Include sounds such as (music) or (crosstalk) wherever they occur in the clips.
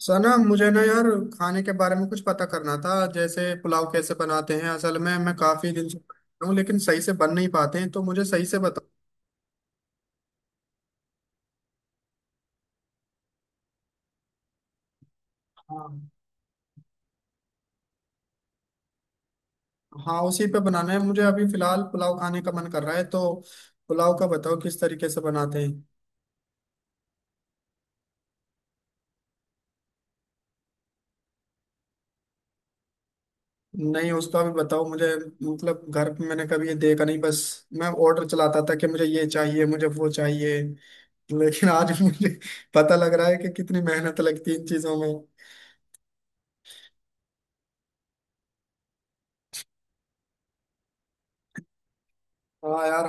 सना, मुझे ना यार खाने के बारे में कुछ पता करना था। जैसे पुलाव कैसे बनाते हैं? असल में मैं काफी दिन से बना रहा हूँ लेकिन सही से बन नहीं पाते हैं, तो मुझे सही से बता। हाँ। हाँ, उसी पे बनाना है मुझे। अभी फिलहाल पुलाव खाने का मन कर रहा है, तो पुलाव का बताओ किस तरीके से बनाते हैं। नहीं, उसका भी बताओ मुझे। मतलब घर पे मैंने कभी ये देखा नहीं। बस मैं ऑर्डर चलाता था कि मुझे ये चाहिए, मुझे वो चाहिए, लेकिन आज मुझे पता लग रहा है कि कितनी मेहनत लगती है इन चीजों में। हाँ यार।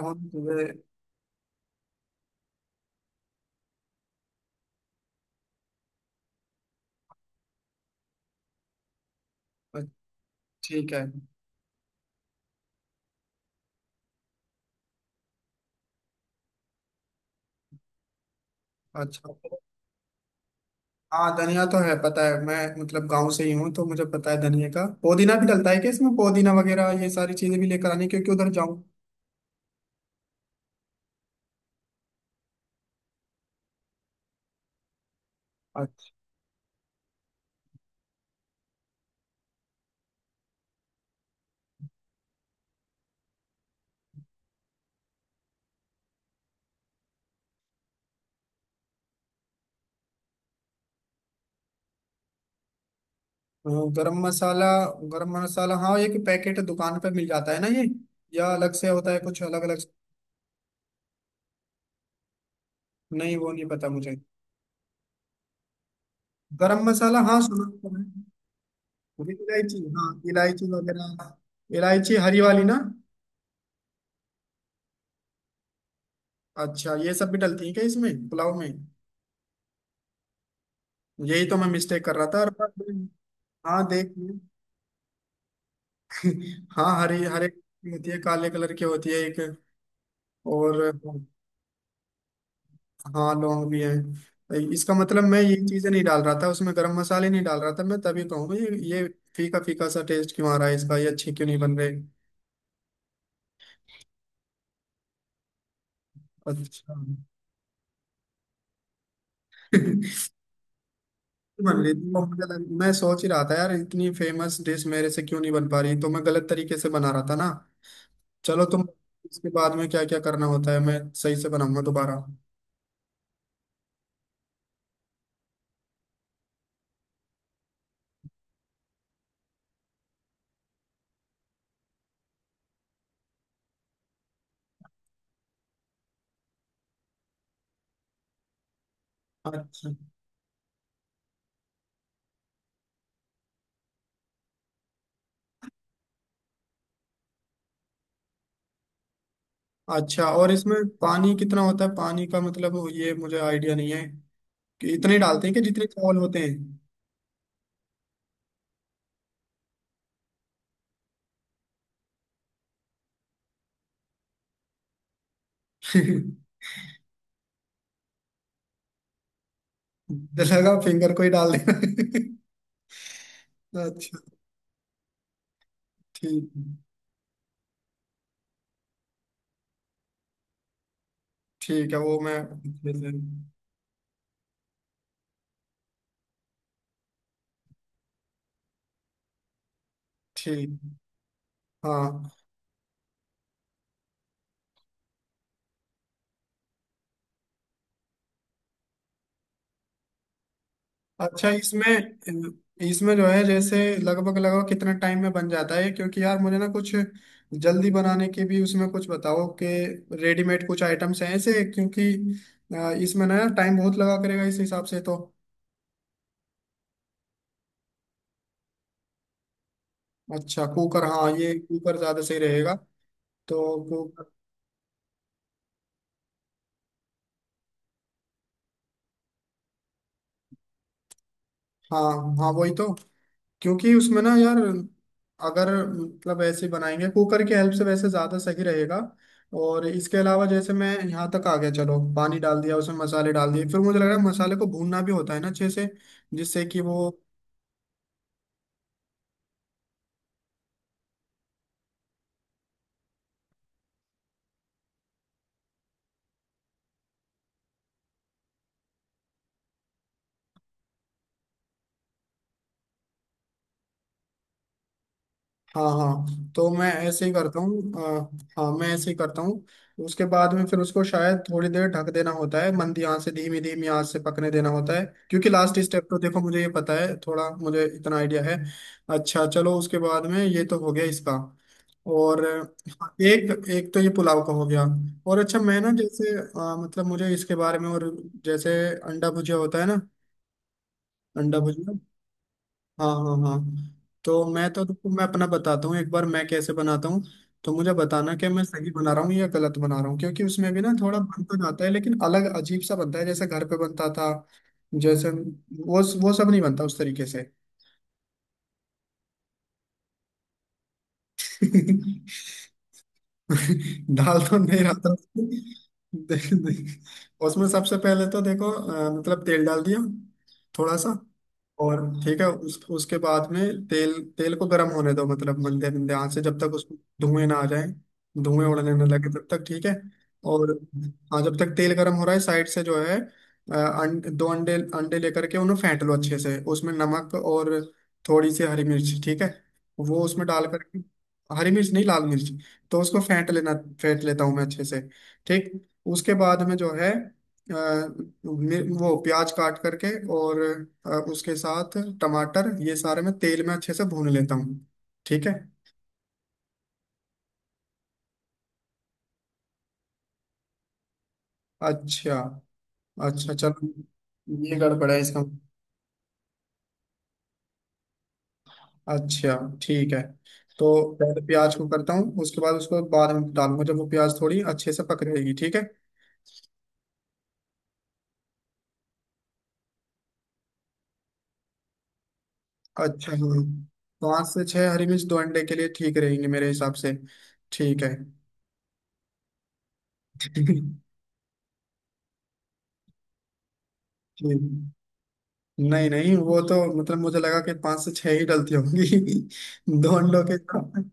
हम। ठीक है। अच्छा। हाँ, धनिया तो है, पता है मैं, मतलब गांव से ही हूँ, तो मुझे पता है धनिया का। पुदीना भी डलता है क्या इसमें? पुदीना वगैरह ये सारी चीजें भी लेकर आनी, क्योंकि उधर जाऊँ। अच्छा। हाँ, गरम मसाला। गरम मसाला, हाँ, एक पैकेट दुकान पे मिल जाता है ना ये, या अलग से होता है कुछ अलग अलग? नहीं, वो नहीं पता मुझे। गरम मसाला, हाँ, सुना तो है। हरी इलायची, हाँ, इलायची वगैरह। इलायची हरी वाली ना? अच्छा, ये सब भी डलती है क्या इसमें, पुलाव में? यही तो मैं मिस्टेक कर रहा था। और हाँ, देख लिया। हाँ, हरी, हरे होती है, काले कलर की होती है एक, और हाँ, लौंग भी है। इसका मतलब मैं ये चीजें नहीं डाल रहा था उसमें, गरम मसाले नहीं डाल रहा था मैं, तभी कहूँगा ये फीका फीका सा टेस्ट क्यों आ रहा है इसका, ये अच्छे क्यों नहीं बन रहे। अच्छा। (laughs) बन रही थी, और मुझे मैं सोच ही रहा था यार, इतनी फेमस डिश मेरे से क्यों नहीं बन पा रही? तो मैं गलत तरीके से बना रहा था ना। चलो, तुम इसके बाद में क्या क्या करना होता है? मैं सही से बनाऊंगा दोबारा। अच्छा। अच्छा, और इसमें पानी कितना होता है? पानी का मतलब ये मुझे आइडिया नहीं है कि इतने ही डालते हैं कि जितने चावल होते हैं। (laughs) लगा फिंगर को ही डाल देना। (laughs) अच्छा। ठीक। ठीक है, वो मैं अच्छे से। ठीक। हाँ। अच्छा, इसमें इसमें जो है, जैसे लगभग लगभग कितना टाइम में बन जाता है? क्योंकि यार मुझे ना कुछ जल्दी बनाने की भी उसमें कुछ बताओ कि रेडीमेड कुछ आइटम्स हैं ऐसे, क्योंकि इसमें ना टाइम बहुत लगा करेगा इस हिसाब से तो। अच्छा, कुकर। हाँ, ये कुकर ज्यादा सही रहेगा। तो कुकर। हाँ। हाँ, वही तो, क्योंकि उसमें ना यार, अगर मतलब ऐसे ही बनाएंगे कुकर की हेल्प से, वैसे ज्यादा सही रहेगा। और इसके अलावा जैसे मैं यहाँ तक आ गया, चलो पानी डाल दिया उसमें, मसाले डाल दिए, फिर मुझे लग रहा है मसाले को भूनना भी होता है ना अच्छे से, जिससे कि वो। हाँ हाँ, तो मैं ऐसे ही करता हूँ। अ, हाँ, मैं ऐसे ही करता हूँ। उसके बाद में फिर उसको शायद थोड़ी देर ढक देना होता है, मंदी आंच से, धीमी धीमी आंच से पकने देना होता है, क्योंकि लास्ट स्टेप तो देखो मुझे ये पता है, थोड़ा मुझे इतना आइडिया है। अच्छा चलो, उसके बाद में, ये तो हो गया इसका। और हाँ, एक एक तो ये पुलाव का हो गया। और अच्छा, मैं ना जैसे मतलब, मुझे इसके बारे में और, जैसे अंडा भुजिया होता है ना, अंडा भुजिया। हाँ हाँ हाँ। तो मैं तो तुमको मैं अपना बताता हूँ एक बार मैं कैसे बनाता हूँ, तो मुझे बताना कि मैं सही बना रहा हूँ या गलत बना रहा हूँ, क्योंकि उसमें भी ना थोड़ा बन तो जाता है लेकिन अलग, अजीब सा बनता है, जैसे घर पे बनता था। जैसे वो सब नहीं बनता उस तरीके से। (laughs) (laughs) डाल तो नहीं रहा था उसमें। देख देख। उसमें सबसे पहले तो देखो, मतलब तेल डाल दिया थोड़ा सा। और ठीक है, उस उसके बाद में, तेल तेल को गर्म होने दो, मतलब मंदे मंदे आंच से, जब तक उसमें धुएं ना आ जाए, धुएं उड़ने ना लगे तब तक, ठीक है। और हाँ, जब तक तेल गर्म हो रहा है, साइड से जो है, दो अंडे अंडे लेकर के उन्हें फेंट लो अच्छे से, उसमें नमक और थोड़ी सी हरी मिर्च, ठीक है, वो उसमें डाल करके। हरी मिर्च नहीं, लाल मिर्च। तो उसको फेंट लेना, फेंट लेता हूँ मैं अच्छे से। ठीक। उसके बाद में जो है, वो प्याज काट करके, और उसके साथ टमाटर, ये सारे मैं तेल में अच्छे से भून लेता हूँ, ठीक है। अच्छा। अच्छा चलो। ये गड़बड़ है इसका। अच्छा, ठीक है। तो पहले प्याज को करता हूँ, उसके बाद उसको बाद में डालूंगा, जब वो प्याज थोड़ी अच्छे से पक जाएगी, ठीक है। अच्छा हाँ, पाँच से छह हरी मिर्च दो अंडे के लिए ठीक रहेंगे मेरे हिसाब से, ठीक है। नहीं नहीं, वो तो मतलब मुझे लगा कि पांच से छह ही डलती होंगी। (laughs) दो अंडों के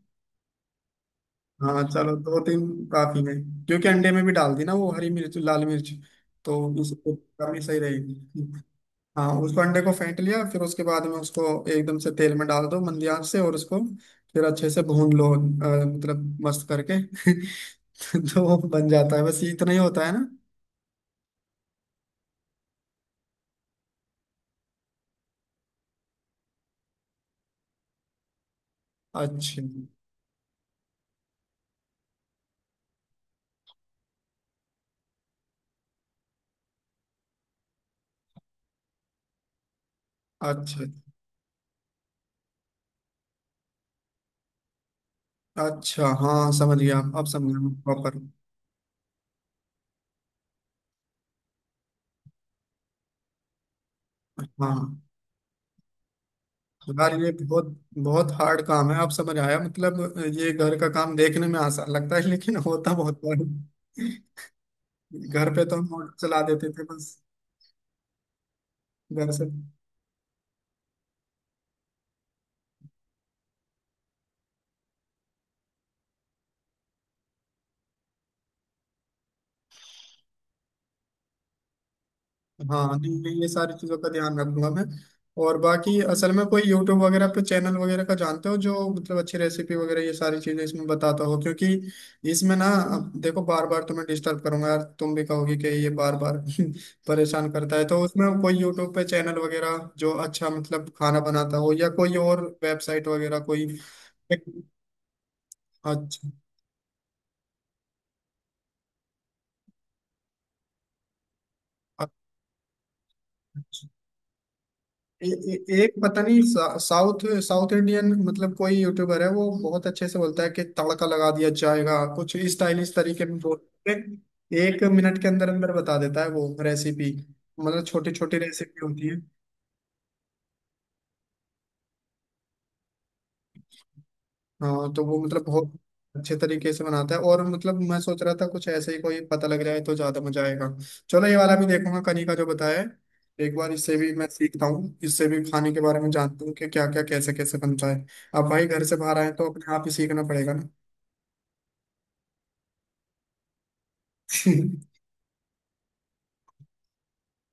हाँ चलो, दो तीन काफी में। क्योंकि अंडे में भी डाल दी ना वो हरी मिर्च, लाल मिर्च, तो उसको कमी सही रहेगी। हाँ, उसको, अंडे को फेंट लिया, फिर उसके बाद में उसको एकदम से तेल में डाल दो, मंदी आंच से, और उसको फिर अच्छे से भून लो, मतलब मस्त करके। (laughs) तो वो बन जाता है, बस इतना ही होता है ना। अच्छा। अच्छा। अच्छा हाँ, समझ गया, अब समझ गया प्रॉपर। हाँ यार, ये बहुत बहुत हार्ड काम है। आप समझ आया, मतलब? ये घर का काम देखने में आसान लगता है लेकिन होता बहुत बड़ा है। घर पे तो हम ऑटो चला देते थे बस। घर से। हाँ, नहीं नहीं, ये सारी चीज़ों का ध्यान रखूंगा मैं। और बाकी असल में कोई यूट्यूब वगैरह पे चैनल वगैरह का जानते हो, जो मतलब अच्छी रेसिपी वगैरह ये सारी चीज़ें इसमें बताता हो, क्योंकि इसमें ना, अब देखो, बार बार तुम्हें डिस्टर्ब करूंगा यार, तुम भी कहोगे कि ये बार बार (laughs) परेशान करता है, तो उसमें कोई यूट्यूब पे चैनल वगैरह जो अच्छा मतलब खाना बनाता हो, या कोई और वेबसाइट वगैरह कोई। अच्छा। अच्छा। ए, ए, एक पता नहीं, साउथ साउथ इंडियन, मतलब कोई यूट्यूबर है, वो बहुत अच्छे से बोलता है कि तड़का लगा दिया जाएगा, कुछ स्टाइलिश तरीके में बोल के 1 मिनट के अंदर अंदर बता देता है वो रेसिपी, मतलब छोटी छोटी रेसिपी होती है। हाँ, तो वो मतलब बहुत अच्छे तरीके से बनाता है, और मतलब मैं सोच रहा था कुछ ऐसे ही कोई पता लग जाए तो ज्यादा मजा आएगा। चलो, ये वाला भी देखूंगा कनी का जो बताया है। एक बार इससे भी मैं सीखता हूँ, इससे भी खाने के बारे में जानता हूँ कि क्या क्या कैसे कैसे बनता है। अब भाई घर से बाहर आए तो अपने आप ही सीखना पड़ेगा ना। (laughs)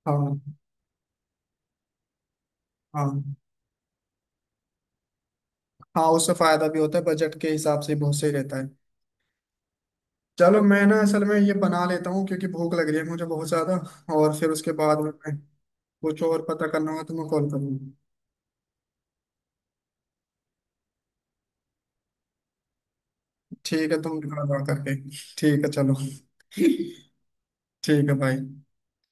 हाँ हाँ हाँ, उससे फायदा भी होता है, बजट के हिसाब से बहुत सही रहता है। चलो, मैं ना असल में ये बना लेता हूँ, क्योंकि भूख लग रही है मुझे बहुत ज्यादा, और फिर उसके बाद में मैं कुछ और पता करना होगा तो मैं कॉल करूंगा। ठीक है, तुम थोड़ा करके। ठीक है चलो। ठीक है भाई।